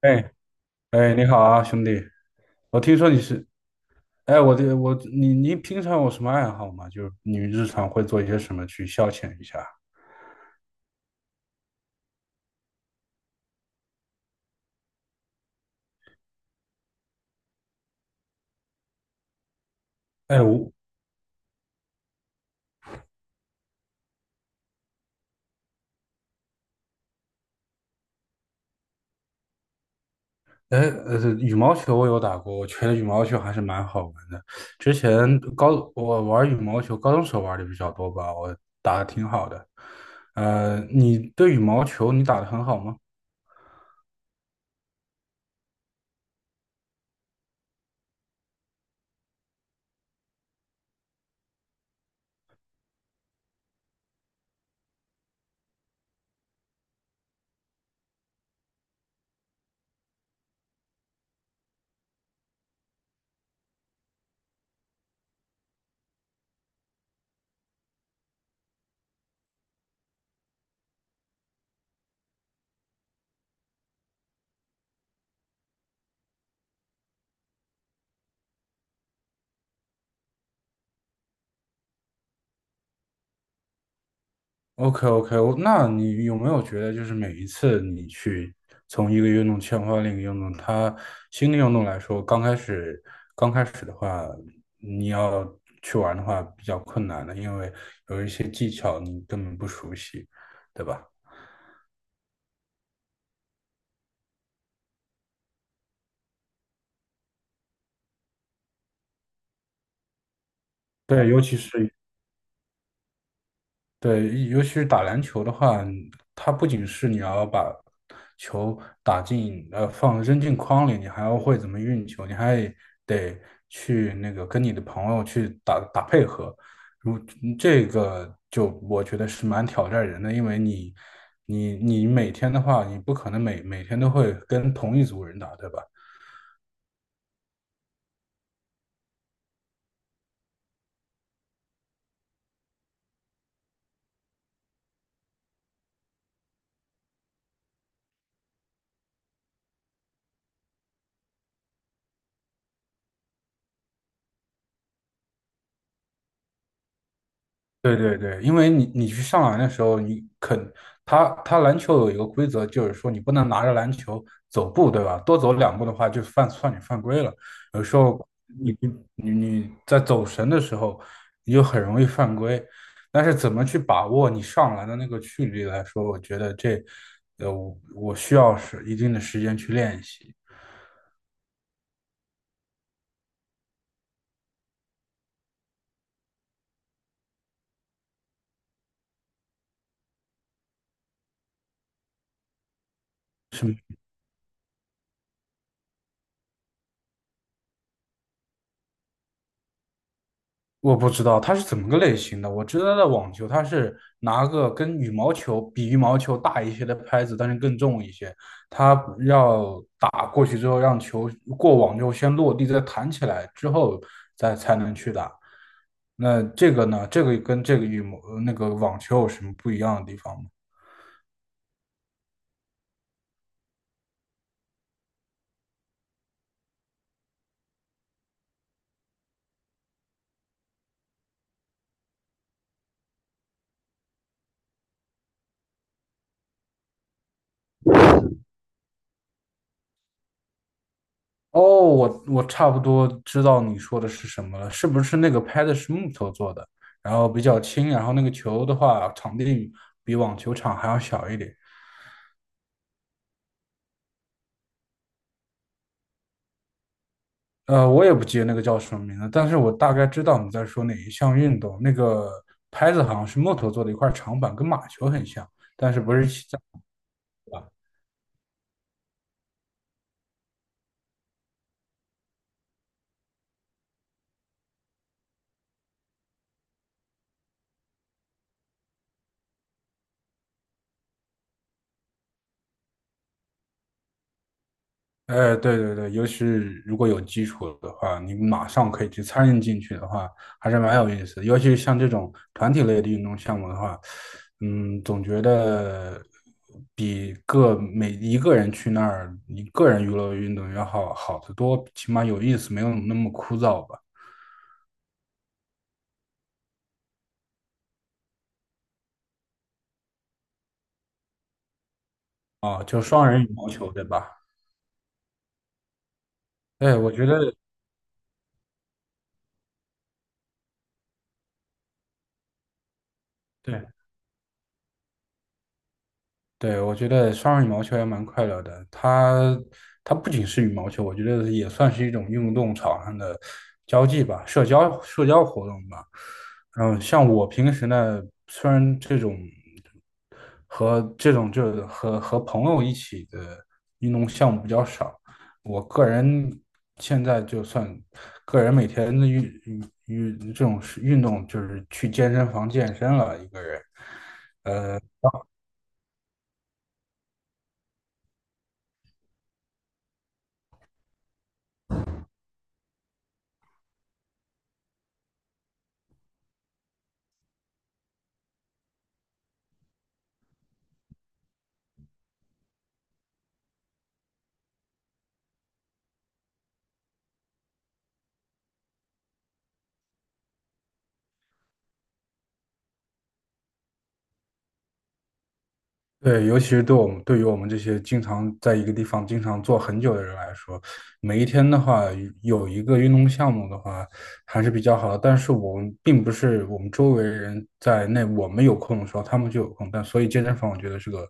哎哎，你好啊，兄弟！我听说你是，哎，我这我你你平常有什么爱好吗？就是你日常会做一些什么去消遣一下？哎，我哎羽毛球我有打过，我觉得羽毛球还是蛮好玩的。之前玩羽毛球，高中时候玩的比较多吧，我打的挺好的。你对羽毛球你打的很好吗？OK OK,那你有没有觉得，就是每一次你去从一个运动切换另一个运动，它新的运动来说，刚开始的话，你要去玩的话比较困难的，因为有一些技巧你根本不熟悉，对吧？对，尤其是。对，尤其是打篮球的话，它不仅是你要把球打进，放扔进筐里，你还要会怎么运球，你还得去那个跟你的朋友去打打配合。这个就我觉得是蛮挑战人的，因为你每天的话，你不可能每天都会跟同一组人打，对吧？对，因为你去上篮的时候，你肯他他篮球有一个规则，就是说你不能拿着篮球走步，对吧？多走两步的话，就算你犯规了。有时候你你在走神的时候，你就很容易犯规。但是怎么去把握你上篮的那个距离来说，我觉得我需要是一定的时间去练习。是，我不知道它是怎么个类型的，我知道的网球它是拿个跟羽毛球大一些的拍子，但是更重一些，它要打过去之后让球过网之后先落地，再弹起来之后再才能去打。那这个呢？这个跟这个那个网球有什么不一样的地方吗？哦，我差不多知道你说的是什么了，是不是那个拍子是木头做的，然后比较轻，然后那个球的话，场地比网球场还要小一点。我也不记得那个叫什么名字，但是我大概知道你在说哪一项运动。那个拍子好像是木头做的一块长板，跟马球很像，但是不是。哎，对，尤其是如果有基础的话，你马上可以去参与进去的话，还是蛮有意思的。尤其是像这种团体类的运动项目的话，嗯，总觉得比个每一个人去那儿，一个人娱乐运动要好得多，起码有意思，没有那么枯燥吧。啊，就双人羽毛球，对吧？对，我觉得对。对，我觉得双人羽毛球也蛮快乐的。它不仅是羽毛球，我觉得也算是一种运动场上的交际吧，社交活动吧。嗯，像我平时呢，虽然这种和这种就和和朋友一起的运动项目比较少，我个人现在就算个人每天的运运运这种是运动就是去健身房健身了，一个人。对，尤其是对我们，对于我们这些经常在一个地方经常坐很久的人来说，每一天的话，有一个运动项目的话，还是比较好的。但是我们并不是我们周围人在那我们有空的时候，他们就有空。但所以健身房我觉得是个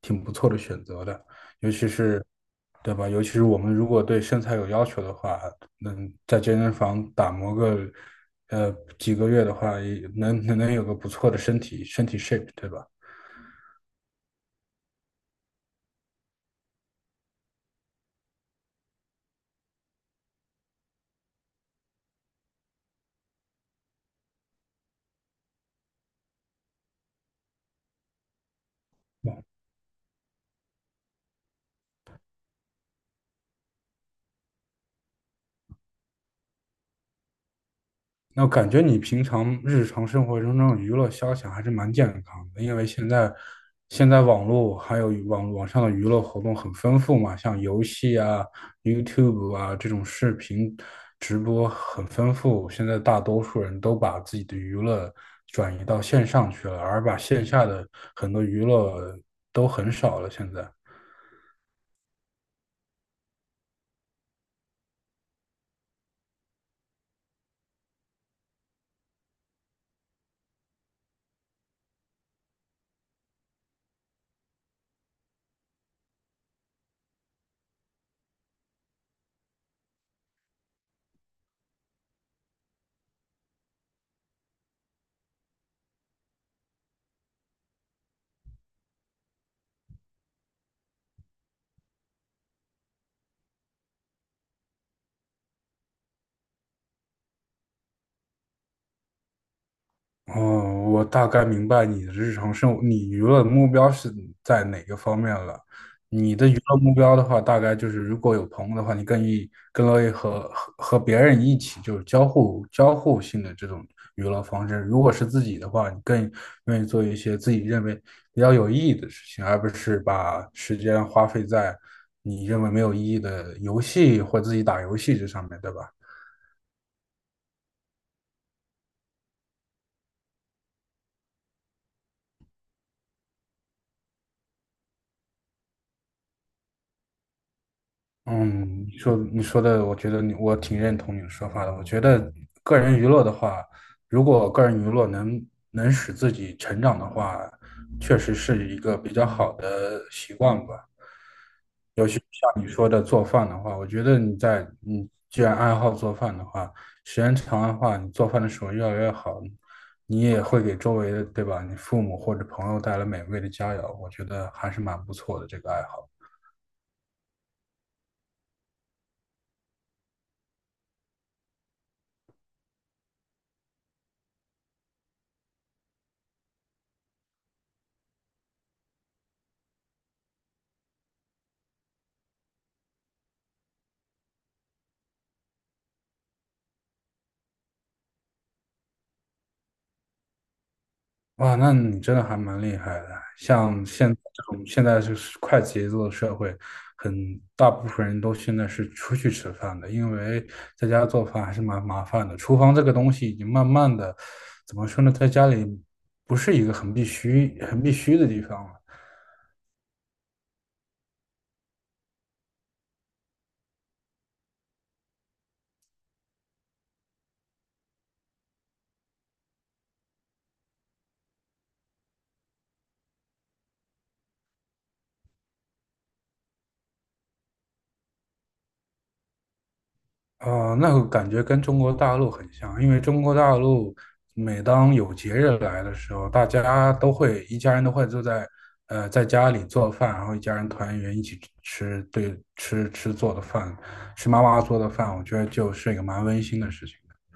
挺不错的选择的，尤其是，对吧？尤其是我们如果对身材有要求的话，能在健身房打磨个几个月的话，也能有个不错的身体 shape,对吧？那我感觉你平常日常生活中这种娱乐消遣还是蛮健康的，因为现在网络还有网上的娱乐活动很丰富嘛，像游戏啊、YouTube 啊这种视频直播很丰富。现在大多数人都把自己的娱乐转移到线上去了，而把线下的很多娱乐都很少了。现在。哦，我大概明白你的日常生活，你娱乐的目标是在哪个方面了？你的娱乐目标的话，大概就是如果有朋友的话，你更乐意和别人一起，就是交互性的这种娱乐方式。如果是自己的话，你更愿意做一些自己认为比较有意义的事情，而不是把时间花费在你认为没有意义的游戏或自己打游戏这上面，对吧？嗯，你说的，我觉得你我挺认同你的说法的。我觉得个人娱乐的话，如果个人娱乐能使自己成长的话，确实是一个比较好的习惯吧。像你说的做饭的话，我觉得你在你既然爱好做饭的话，时间长的话，你做饭的时候越来越好，你也会给周围的，对吧？你父母或者朋友带来美味的佳肴，我觉得还是蛮不错的这个爱好。哇，那你真的还蛮厉害的。像现在这种现在就是快节奏的社会，很大部分人都现在是出去吃饭的，因为在家做饭还是蛮麻烦的。厨房这个东西已经慢慢的，怎么说呢，在家里不是一个很必须的地方了。啊、那个感觉跟中国大陆很像，因为中国大陆每当有节日来的时候，大家都会一家人都会坐在在家里做饭，然后一家人团圆一起吃吃做的饭，吃妈妈做的饭，我觉得就是一个蛮温馨的事情的。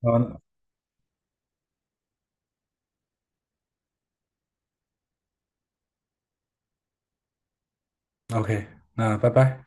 嗯，OK,那拜拜。